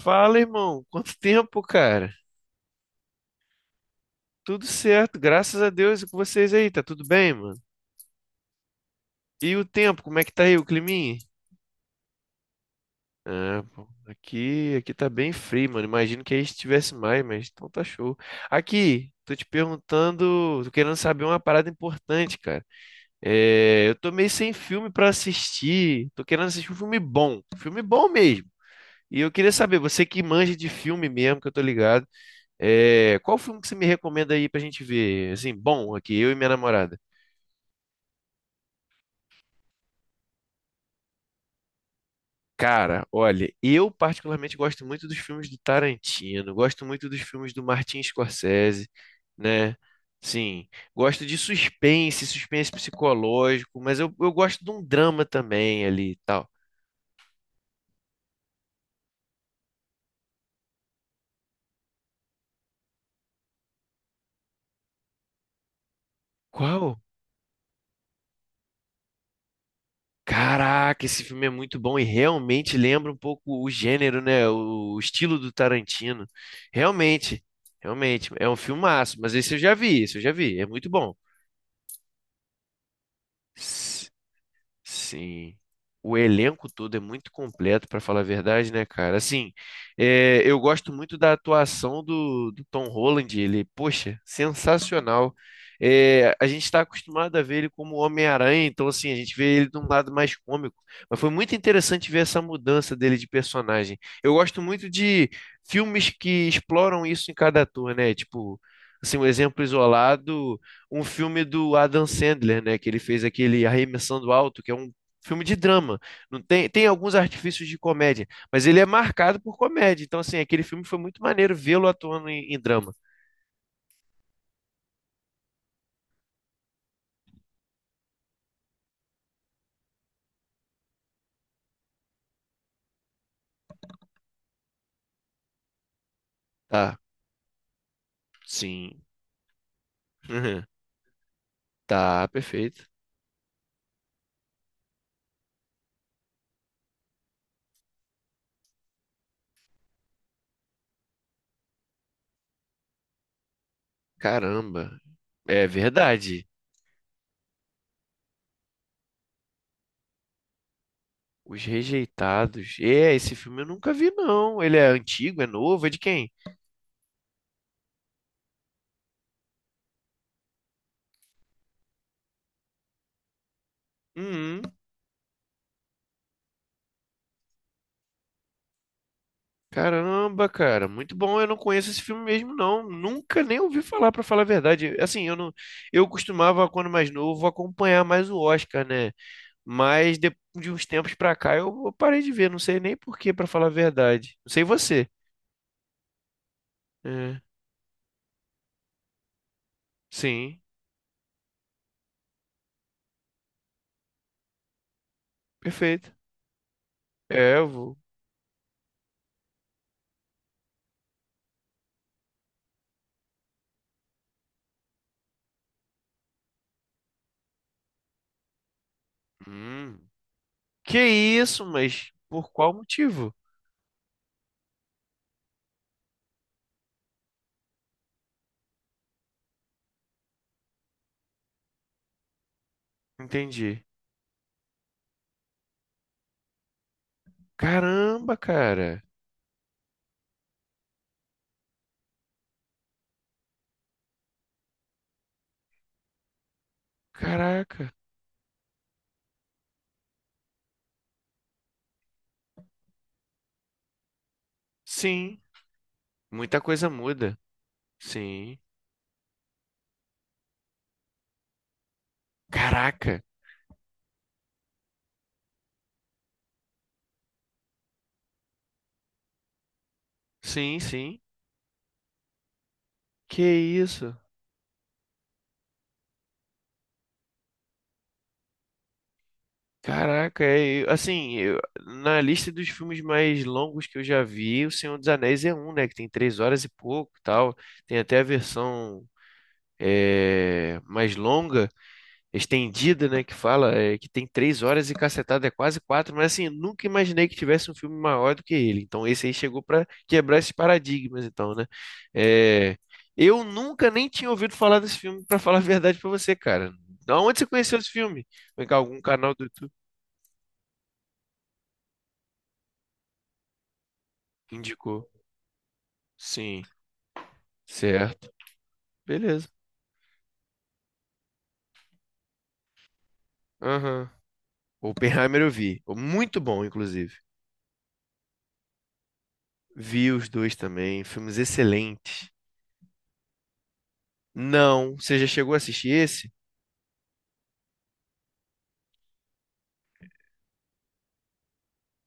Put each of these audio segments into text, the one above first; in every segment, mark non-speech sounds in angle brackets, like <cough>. Fala, irmão. Quanto tempo, cara? Tudo certo, graças a Deus. E com vocês aí, tá tudo bem, mano? E o tempo, como é que tá aí, o climinha? Ah, pô, aqui tá bem frio, mano. Imagino que aí estivesse mais, mas então tá show. Aqui, tô te perguntando, tô querendo saber uma parada importante, cara. É, eu tô meio sem filme pra assistir. Tô querendo assistir um filme bom mesmo. E eu queria saber, você que manja de filme mesmo, que eu tô ligado. É, qual filme que você me recomenda aí pra gente ver? Assim, bom, aqui, eu e minha namorada. Cara, olha, eu particularmente gosto muito dos filmes do Tarantino, gosto muito dos filmes do Martin Scorsese, né? Sim, gosto de suspense, suspense psicológico, mas eu gosto de um drama também ali e tal. Qual? Caraca, esse filme é muito bom e realmente lembra um pouco o gênero, né? O estilo do Tarantino. Realmente, realmente, é um filmaço, mas esse eu já vi, esse eu já vi, é muito bom. Sim. O elenco todo é muito completo, pra falar a verdade, né, cara? Assim, é, eu gosto muito da atuação do Tom Holland. Ele, poxa, sensacional. É, a gente está acostumado a ver ele como Homem-Aranha, então, assim, a gente vê ele de um lado mais cômico. Mas foi muito interessante ver essa mudança dele de personagem. Eu gosto muito de filmes que exploram isso em cada ator, né? Tipo, assim, um exemplo isolado, um filme do Adam Sandler, né? Que ele fez aquele Arremessando Alto, que é um filme de drama. Não tem, tem alguns artifícios de comédia, mas ele é marcado por comédia. Então, assim, aquele filme foi muito maneiro vê-lo atuando em drama. Tá, sim. <laughs> Tá, perfeito. Caramba. É verdade. Os Rejeitados. É, esse filme eu nunca vi, não. Ele é antigo, é novo, é de quem? Uhum. Caramba, cara, muito bom. Eu não conheço esse filme mesmo, não. Nunca nem ouvi falar, pra falar a verdade. Assim, eu não, eu costumava, quando mais novo, acompanhar mais o Oscar, né? Mas de uns tempos pra cá eu parei de ver. Não sei nem por quê, pra falar a verdade. Não sei você. É, sim, perfeito. É, eu vou. Hum, que isso, mas por qual motivo? Entendi. Caramba, cara. Caraca. Sim, muita coisa muda. Sim. Caraca. Sim, sim. Que isso? Caraca, é, assim, na lista dos filmes mais longos que eu já vi, O Senhor dos Anéis é um, né? Que tem 3 horas e pouco, e tal. Tem até a versão, é, mais longa, estendida, né, que fala, é, que tem 3 horas e cacetada, é quase quatro, mas assim, nunca imaginei que tivesse um filme maior do que ele. Então esse aí chegou para quebrar esses paradigmas, então, né? É, eu nunca nem tinha ouvido falar desse filme, para falar a verdade para você, cara. Da Onde você conheceu esse filme? Foi que algum canal do YouTube indicou? Sim, certo. Beleza. Aham. Oppenheimer eu vi. Muito bom, inclusive. Vi os dois também, filmes excelentes. Não, você já chegou a assistir esse?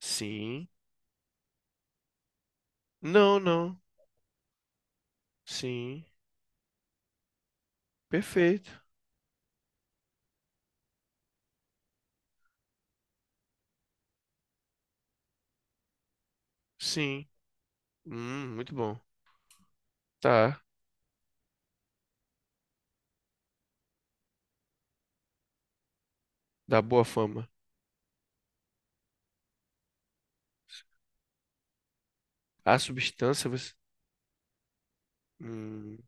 Sim. Não, não. Sim. Perfeito. Sim. Muito bom. Tá. Dá boa fama. A substância, você. Hum.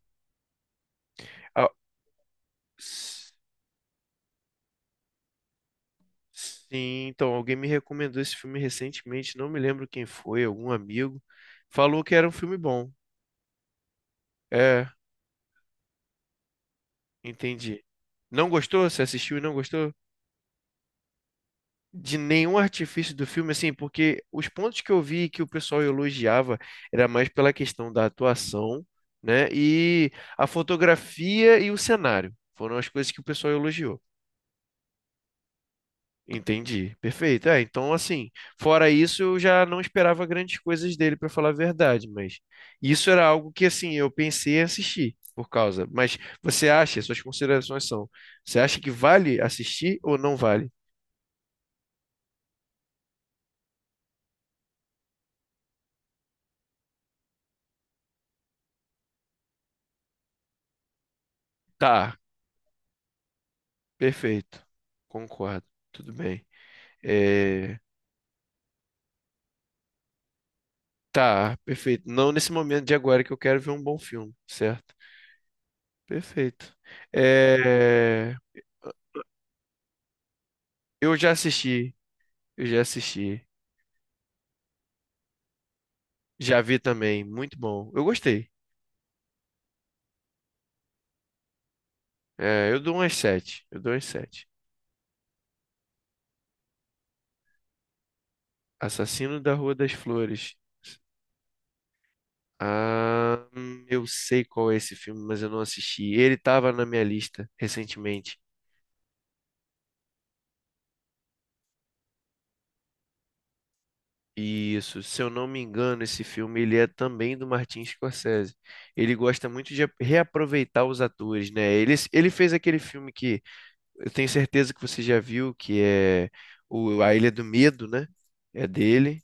Ah, s- sim, então, alguém me recomendou esse filme recentemente. Não me lembro quem foi, algum amigo. Falou que era um filme bom. É, entendi. Não gostou? Você assistiu e não gostou? De nenhum artifício do filme, assim, porque os pontos que eu vi que o pessoal elogiava era mais pela questão da atuação, né? E a fotografia e o cenário foram as coisas que o pessoal elogiou. Entendi, perfeito. É, então, assim, fora isso, eu já não esperava grandes coisas dele, para falar a verdade, mas isso era algo que, assim, eu pensei em assistir por causa. Mas você acha, suas considerações são, você acha que vale assistir ou não vale? Tá, perfeito. Concordo. Tudo bem. É, tá, perfeito. Não nesse momento de agora que eu quero ver um bom filme, certo? Perfeito. É, eu já assisti, eu já assisti. Já vi também, muito bom. Eu gostei. É, eu dou umas sete. Eu dou umas sete. Assassino da Rua das Flores. Ah, eu sei qual é esse filme, mas eu não assisti. Ele estava na minha lista recentemente. Isso, se eu não me engano, esse filme ele é também do Martin Scorsese. Ele gosta muito de reaproveitar os atores, né? Ele fez aquele filme que eu tenho certeza que você já viu, que é o A Ilha do Medo, né? É dele.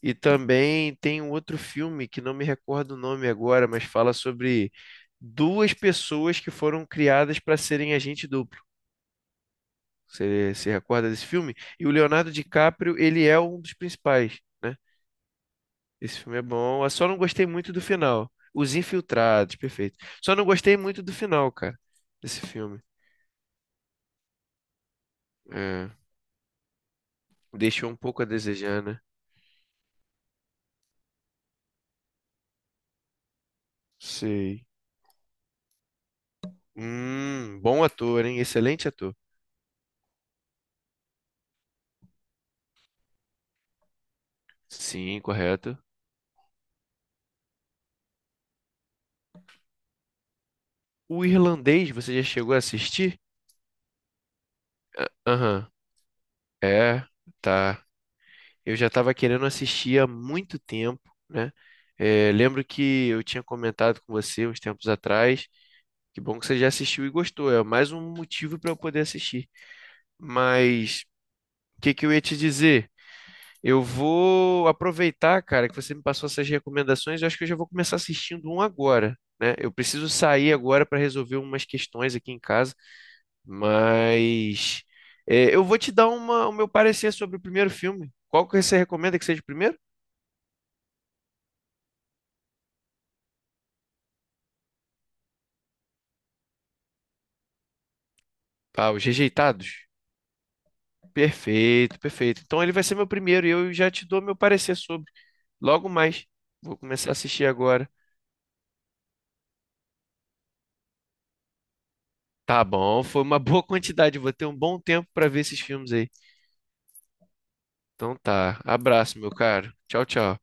E também tem um outro filme que não me recordo o nome agora, mas fala sobre duas pessoas que foram criadas para serem agente duplo. Você se recorda desse filme? E o Leonardo DiCaprio, ele é um dos principais, né? Esse filme é bom. Eu só não gostei muito do final. Os Infiltrados, perfeito. Só não gostei muito do final, cara, desse filme. É, deixou um pouco a desejar, né? Sei. Bom ator, hein? Excelente ator. Sim, correto. O irlandês, você já chegou a assistir? Aham. É, tá. Eu já estava querendo assistir há muito tempo, né? É, lembro que eu tinha comentado com você uns tempos atrás. Que bom que você já assistiu e gostou. É mais um motivo para eu poder assistir. Mas o que que eu ia te dizer? Eu vou aproveitar, cara, que você me passou essas recomendações. Eu acho que eu já vou começar assistindo um agora, né? Eu preciso sair agora para resolver umas questões aqui em casa, mas é, eu vou te dar uma, o meu parecer sobre o primeiro filme. Qual que você recomenda que seja o primeiro? Ah, Os Rejeitados. Perfeito, perfeito. Então ele vai ser meu primeiro e eu já te dou meu parecer sobre. Logo mais. Vou começar a assistir agora. Tá bom, foi uma boa quantidade. Vou ter um bom tempo para ver esses filmes aí. Então tá. Abraço, meu caro. Tchau, tchau.